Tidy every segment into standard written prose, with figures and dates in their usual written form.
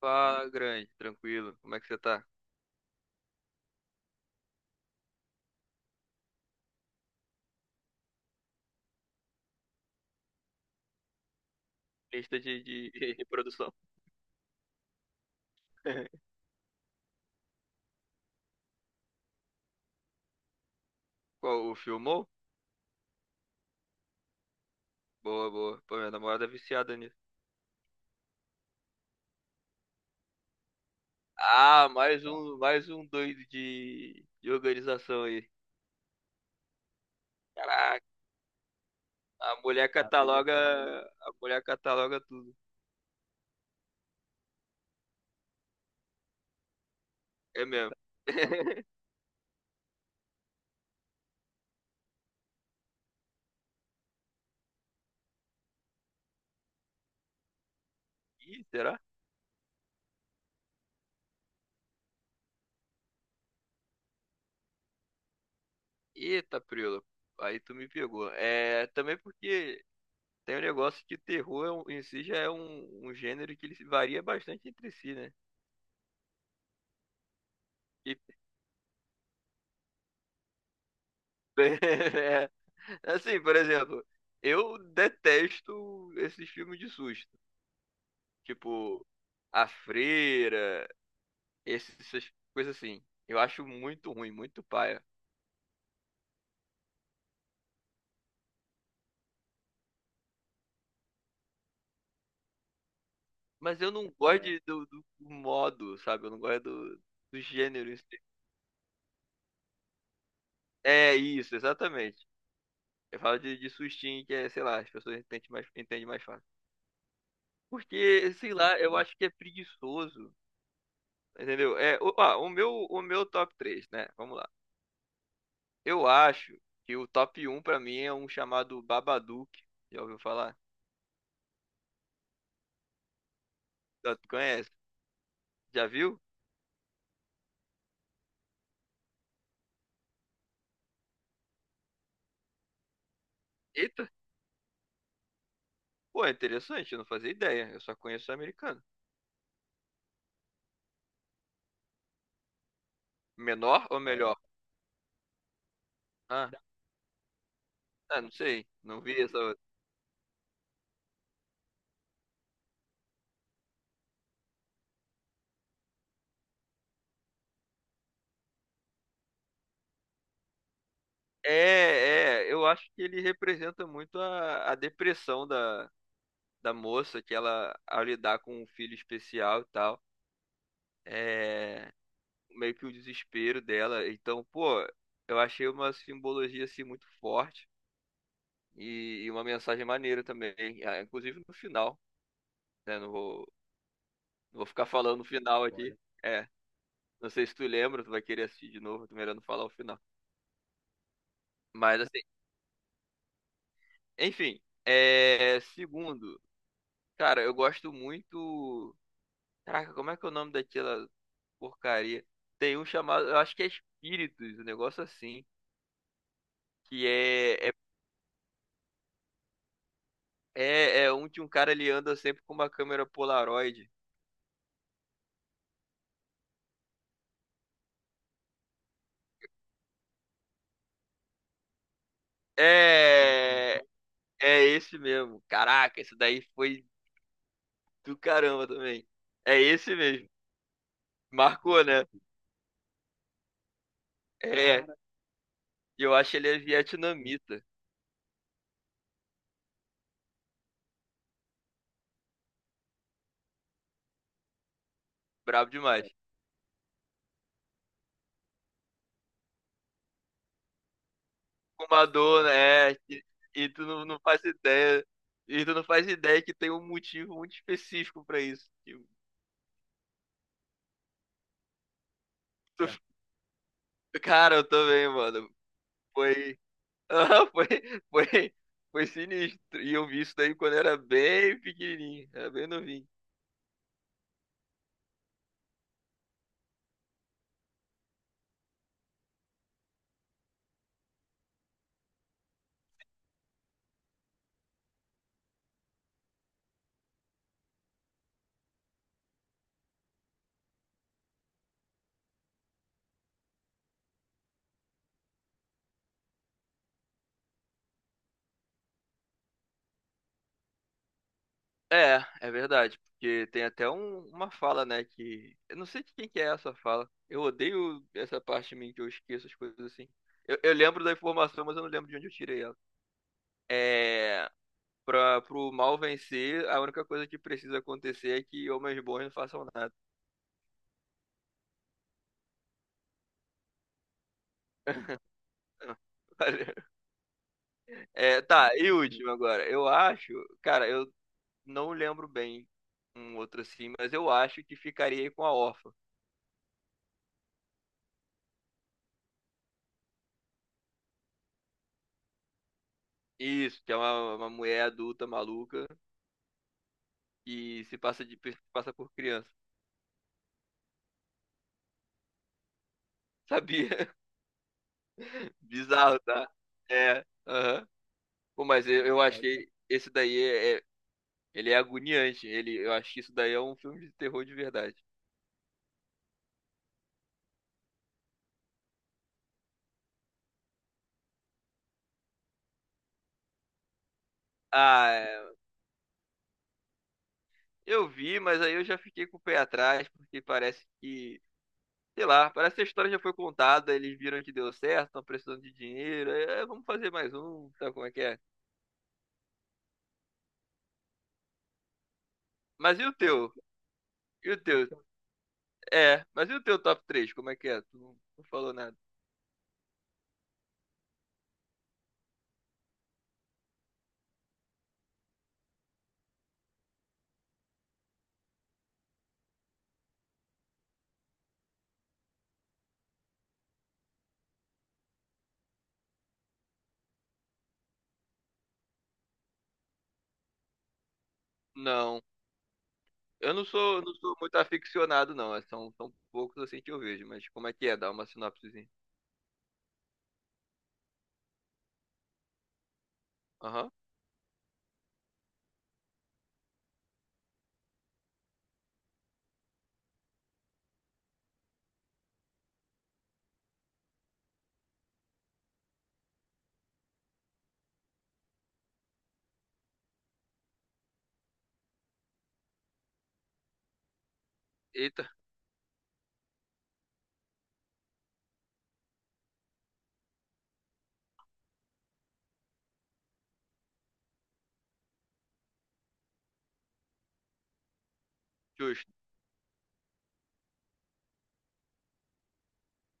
Fala, grande, tranquilo. Como é que você tá? Lista de reprodução. Qual, o filmou? Boa, boa. Pô, minha namorada é viciada nisso. Ah, mais um doido de organização aí. Caraca, a mulher cataloga, a mulher cataloga tudo. É mesmo. Ih, será? Eita, Prila, aí tu me pegou. É, também porque tem um negócio que em si já é um gênero que ele se varia bastante entre si, né? E, Assim, por exemplo, eu detesto esses filmes de susto. Tipo, A Freira, essas coisas assim. Eu acho muito ruim, muito paia. Mas eu não gosto do modo, sabe? Eu não gosto do gênero em si. É isso, exatamente. Eu falo de sustinho, que é, sei lá, as pessoas entendem mais fácil. Porque, sei lá, eu acho que é preguiçoso. Entendeu? O meu top três, né? Vamos lá. Eu acho que o top um pra mim é um chamado Babadook. Já ouviu falar? Já tu conhece? Já viu? Eita! Pô, é interessante, eu não fazia ideia. Eu só conheço o americano. Menor ou melhor? Ah, ah, não sei. Não vi essa outra. É, é, eu acho que ele representa muito a depressão da moça, que ela, ao lidar com um filho especial e tal, é meio que o desespero dela. Então, pô, eu achei uma simbologia assim muito forte, e uma mensagem maneira também, ah, inclusive no final, né? Não vou ficar falando o final aqui. Olha. É, não sei se tu lembra, tu vai querer assistir de novo, tu melhor não falar o final. Mas assim, enfim, é, segundo, cara, eu gosto muito. Caraca, como é que é o nome daquela porcaria? Tem um chamado, eu acho que é Espíritos, um negócio assim, que é um de um cara, ele anda sempre com uma câmera Polaroid. É, é esse mesmo. Caraca, esse daí foi do caramba também. É esse mesmo. Marcou, né? É, cara, eu acho que ele é vietnamita. Brabo demais. Fumador, né? É, e tu não faz ideia. E tu não faz ideia que tem um motivo muito específico pra isso. É. Cara, eu também, mano. Foi. Ah, foi, foi sinistro. E eu vi isso daí quando era bem pequenininho. Era bem novinho. É, é verdade, porque tem até uma fala, né, que... Eu não sei de quem que é essa fala. Eu odeio essa parte de mim que eu esqueço as coisas assim. Eu lembro da informação, mas eu não lembro de onde eu tirei ela. É... pro mal vencer, a única coisa que precisa acontecer é que homens bons não façam nada. É, tá, e último agora. Eu acho... Cara, eu não lembro bem um outro assim, mas eu acho que ficaria aí com A Órfã. Isso, que é uma mulher adulta maluca e se passa por criança. Sabia? Bizarro, tá? É. Aham. Pô, mas eu achei esse daí ele é agoniante. Ele, eu acho que isso daí é um filme de terror de verdade. Ah, é, eu vi, mas aí eu já fiquei com o pé atrás porque parece que, sei lá, parece que a história já foi contada, eles viram que deu certo, estão precisando de dinheiro, é, vamos fazer mais um, sabe como é que é? Mas e o teu? E o teu? É, mas e o teu top três? Como é que é? Tu não falou nada. Não. Eu não sou muito aficionado, não. É, são poucos assim que eu vejo, mas como é que é? Dá uma sinopsezinha. Aham. Eita, justo.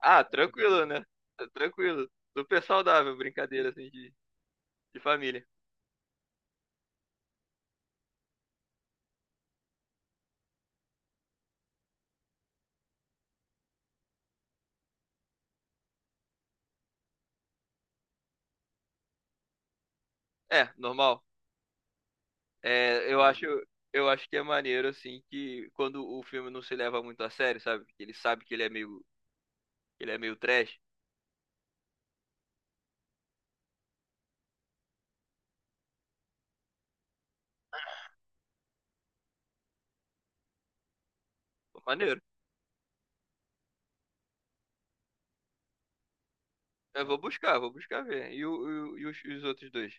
Ah, tranquilo, né? É tranquilo. Super saudável, brincadeira assim de família. É, normal. É, eu acho, eu acho que é maneiro assim que quando o filme não se leva muito a sério, sabe? Que ele sabe que ele é meio trash. Pô, maneiro. Vou buscar ver. E os outros dois?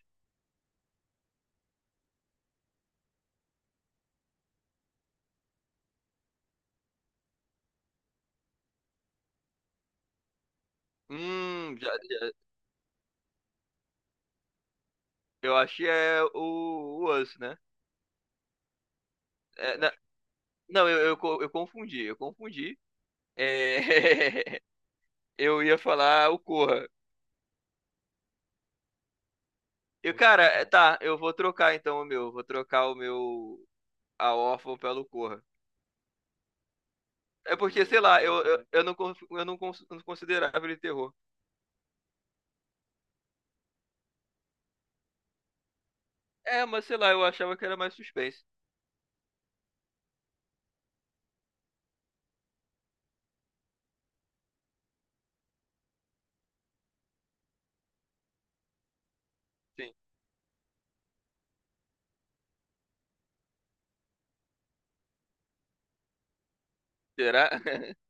Hum, já, já- eu acho que é o Us, né? É, na- Não, eu confundi, eu confundi. É, eu ia falar o Corra. Eu, cara, é, tá, eu vou trocar então o meu. Vou trocar o meu: A Órfã pelo Corra. É porque, sei lá, eu não considerava ele terror. É, mas sei lá, eu achava que era mais suspense. Sim. Será?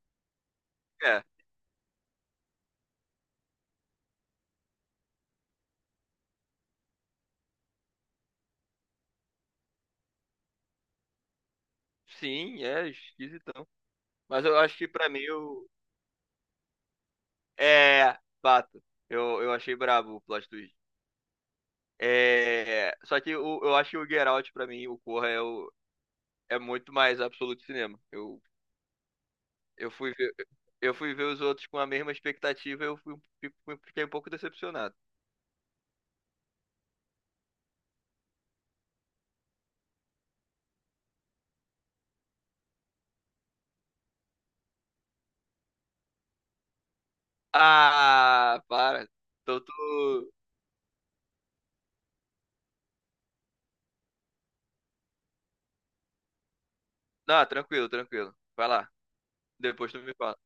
É. Sim, é esquisitão. Mas eu acho que pra mim eu. É, fato. Eu achei brabo o plot twist. Eu acho que o Geralt, pra mim, o Corra é o é muito mais absoluto cinema. Eu fui ver, eu fui ver os outros com a mesma expectativa, fiquei um pouco decepcionado. Ah, para. Tô tu. Não, tranquilo, tranquilo. Vai lá. Depois tu me fala.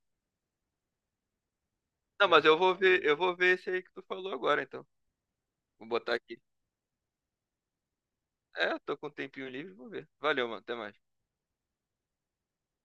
Não, mas eu vou ver esse aí que tu falou agora, então. Vou botar aqui. É, tô com um tempinho livre, vou ver. Valeu, mano. Até mais.